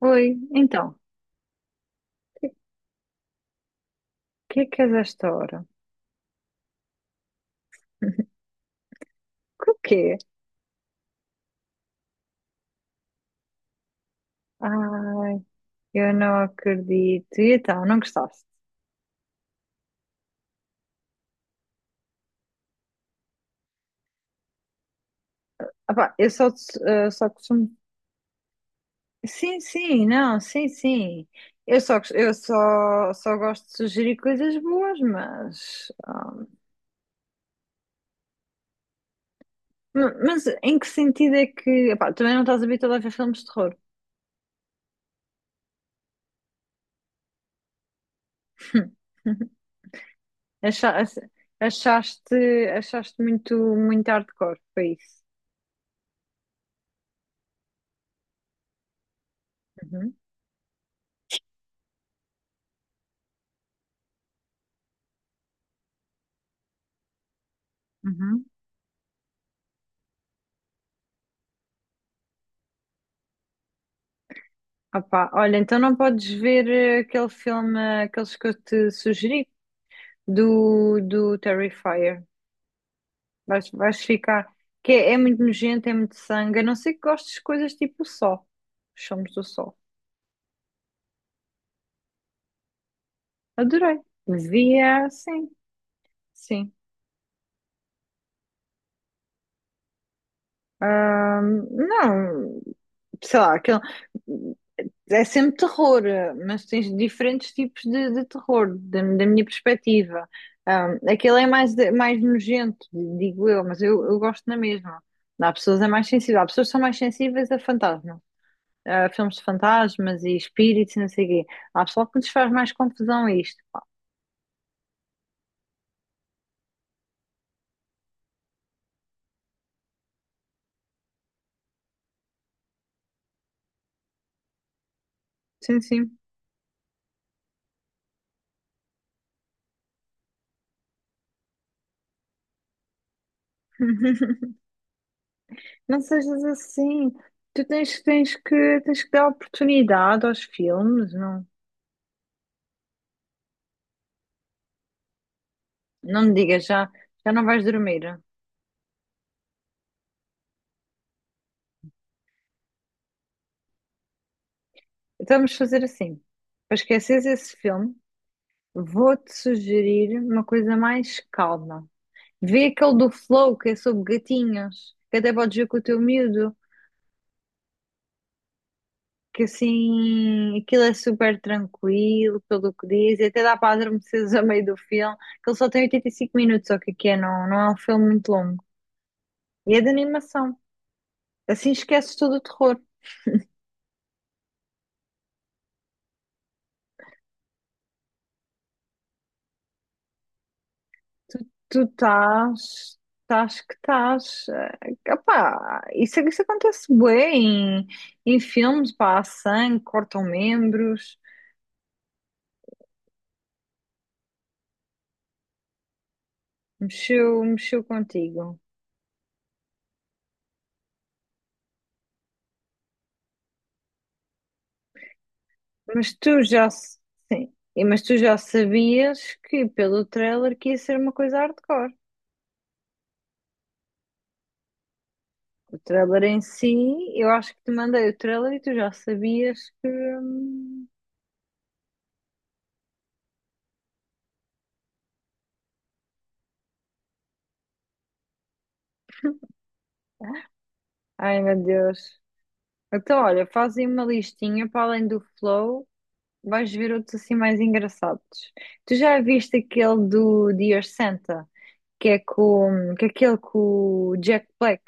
Oi, então, o que é que és a esta hora? Que o quê? Ai, eu não acredito. E então, não gostaste? Ah pá, eu só, só costumo. Sim, sim, não, sim, sim. Eu só, só gosto de sugerir coisas boas, mas. Mas em que sentido é que. Epá, também não estás habituado a ver filmes de terror. Acha- Achaste, achaste muito, muito hardcore, foi isso. Uhum, uhum. Opá, olha, então não podes ver aquele filme, aqueles que eu te sugeri, do Terrifier. Vais ficar. Que é muito nojento, é muito sangue. A não ser que gostes de coisas tipo o Sol. Os filmes do Sol. Adorei. Via, sim, sim. Não, sei lá, aquele. É sempre terror, mas tens diferentes tipos de terror, da minha perspectiva. Aquele é mais, mais nojento, digo eu, mas eu gosto na mesma. Há pessoas é mais sensível, há pessoas que são mais sensíveis a fantasmas, a filmes de fantasmas e espíritos e não sei o quê. Há pessoal que lhes faz mais confusão a isto, pá. Sim, sim. Não sejas assim. Tu tens que dar oportunidade aos filmes, não, não me digas, já, já não vais dormir. Então vamos fazer assim. Para esqueceres esse filme, vou-te sugerir uma coisa mais calma. Vê aquele do Flow, que é sobre gatinhos, que até podes ver com o teu miúdo, que assim, aquilo é super tranquilo, pelo que diz, e até dá para adormeceres a meio do filme, que ele só tem 85 minutos, ou o que é, não, não é um filme muito longo. E é de animação. Assim esqueces todo o terror. Tu, tu estás que estás. Opá, isso acontece bem em filmes, pá, há sangue, cortam membros, mexeu contigo. Mas tu já, sim, mas tu já sabias que pelo trailer que ia ser uma coisa hardcore. O trailer em si, eu acho que te mandei o trailer e tu já sabias que. Ai meu Deus. Então, olha, fazem uma listinha para além do Flow. Vais ver outros assim mais engraçados. Tu já viste aquele do Dear Santa, que é aquele com o Jack Black,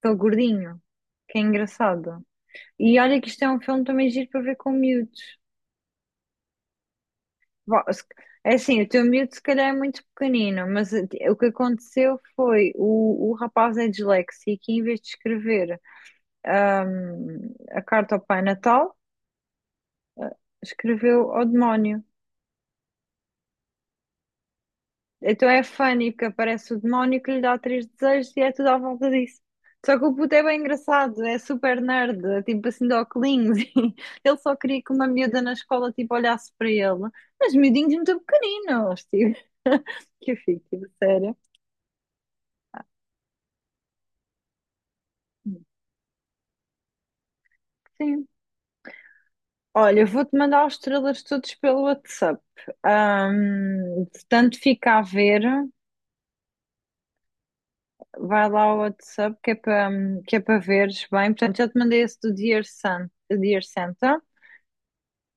aquele gordinho, que é engraçado. E olha que isto é um filme também giro para ver com miúdos. Vá, É assim, o teu miúdo se calhar é muito pequenino, mas o que aconteceu foi o rapaz é disléxico e em vez de escrever a carta ao Pai Natal, escreveu ao demónio. Então é funny, porque aparece o demónio que lhe dá três desejos e é tudo à volta disso. Só que o puto é bem engraçado, é super nerd, é tipo assim de óculos. e Ele só queria que uma miúda na escola tipo, olhasse para ele. Mas miudinhos muito pequeninos, tipo. Que eu fico, tipo, sério. Sim. Olha, eu vou-te mandar os trailers todos pelo WhatsApp. Portanto, fica a ver. Vai lá ao WhatsApp que é para veres bem. Portanto, já te mandei esse do Dear Santa.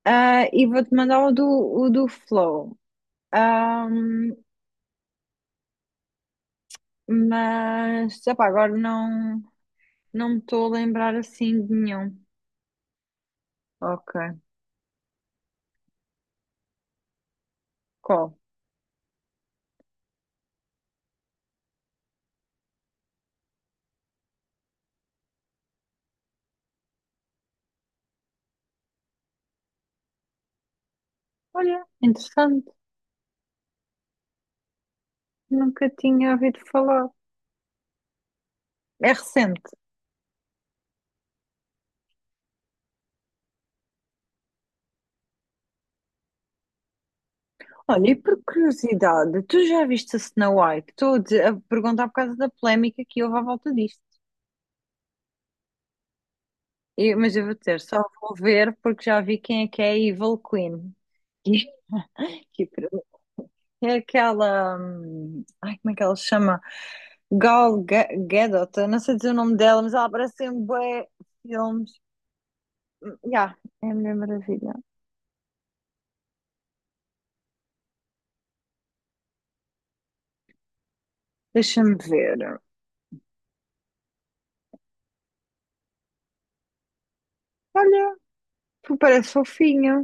Ah, e vou-te mandar o do Flow. Ahm, mas, epá, agora não, não me estou a lembrar assim de nenhum. Ok, qual? Olha, interessante, nunca tinha ouvido falar. É recente. Olha, e por curiosidade, tu já viste a Snow White? A perguntar por causa da polémica que houve à volta disto. Mas eu vou dizer, só vou ver porque já vi quem é que é a Evil Queen. Que É aquela. Ai, como é que ela se chama? Gal Gadot, eu não sei dizer o nome dela, mas ela aparece em bué filmes. Ya, é a Mulher Maravilha. Deixa-me ver. Olha, tu parece fofinha.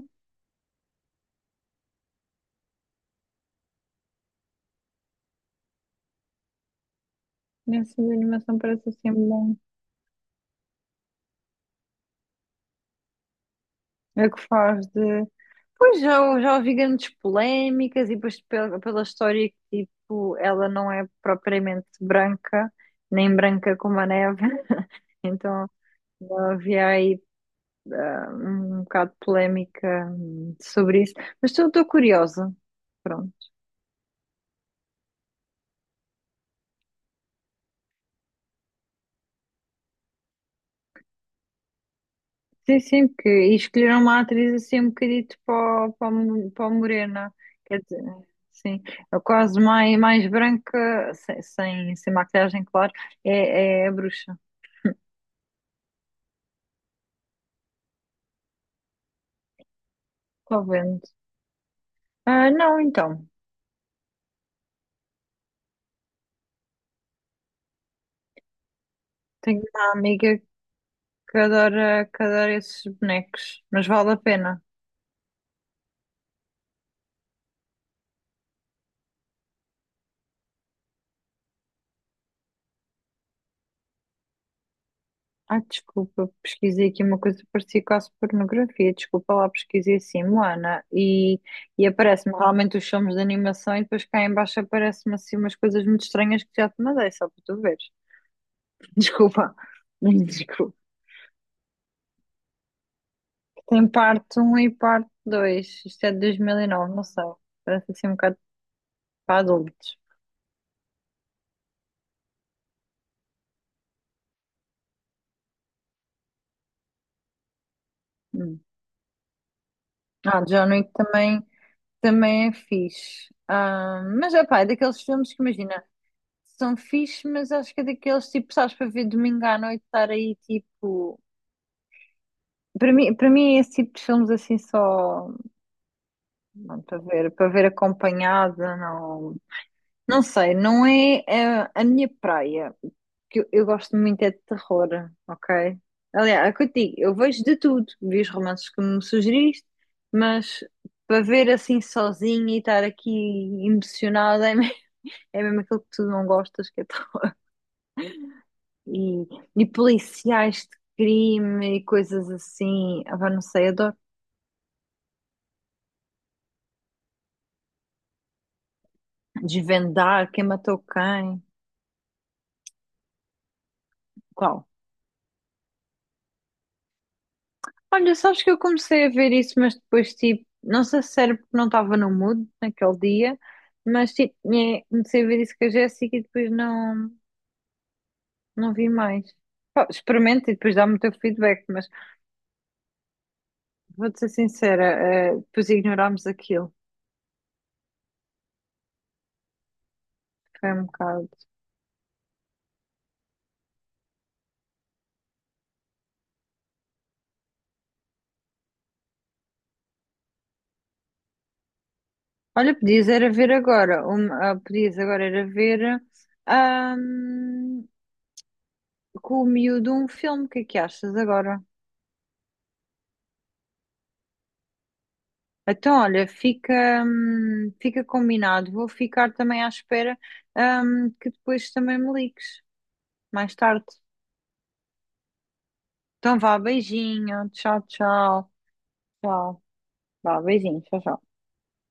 Nessa animação parece assim um bom. É que faz de. Pois já ouvi grandes polémicas e depois pela história que tipo, ela não é propriamente branca, nem branca como a neve. Então, não havia aí um bocado polémica sobre isso, mas estou curiosa. Pronto. Sim, sim, porque escolheram uma atriz assim um bocadito para o Morena, quer dizer, sim, é quase mais branca, sem maquilhagem, claro, é a bruxa, estou vendo. Ah, não, então, tenho uma amiga que adora esses bonecos, mas vale a pena. Ah, desculpa, pesquisei aqui uma coisa que parecia quase pornografia. Desculpa lá, pesquisei assim, Moana, e aparece-me realmente os filmes de animação e depois cá em baixo aparece-me assim umas coisas muito estranhas que já te mandei, só para tu veres. Desculpa, desculpa. Tem parte um e parte 2. Isto é de 2009, não sei. Parece assim um bocado para adultos. Hum. Ah, John Wick também é fixe. Ah, mas, é pá, é daqueles filmes que imagina. São fixe, mas acho que é daqueles tipo, sabes, para ver domingo à noite estar aí tipo. Para mim é esse tipo de filmes assim só não, para ver acompanhada, não, não sei, não é a minha praia. Que eu gosto muito é de terror, ok? Aliás, é o que eu te digo, eu vejo de tudo, vi os romances que me sugeriste, mas para ver assim sozinha e estar aqui emocionada É mesmo aquilo que tu não gostas, que é e, e policiais de crime e coisas assim. Ah, pá, não sei, adoro. Desvendar quem matou quem. Qual? Olha, sabes que eu comecei a ver isso, mas depois, tipo, não sei se era porque não estava no mood naquele dia, mas, tipo, comecei a ver isso com a Jéssica e depois não, não vi mais. Pá, experimenta e depois dá-me o teu feedback, mas vou-te ser sincera, depois ignorámos aquilo. Foi um bocado. Olha, podias era ver agora, podias agora era ver ahm, com o miúdo um filme, o que é que achas agora? Então, olha, fica combinado, vou ficar também à espera que depois também me ligues, mais tarde. Então vá, beijinho, tchau, tchau, tchau, vá, beijinho, tchau, tchau.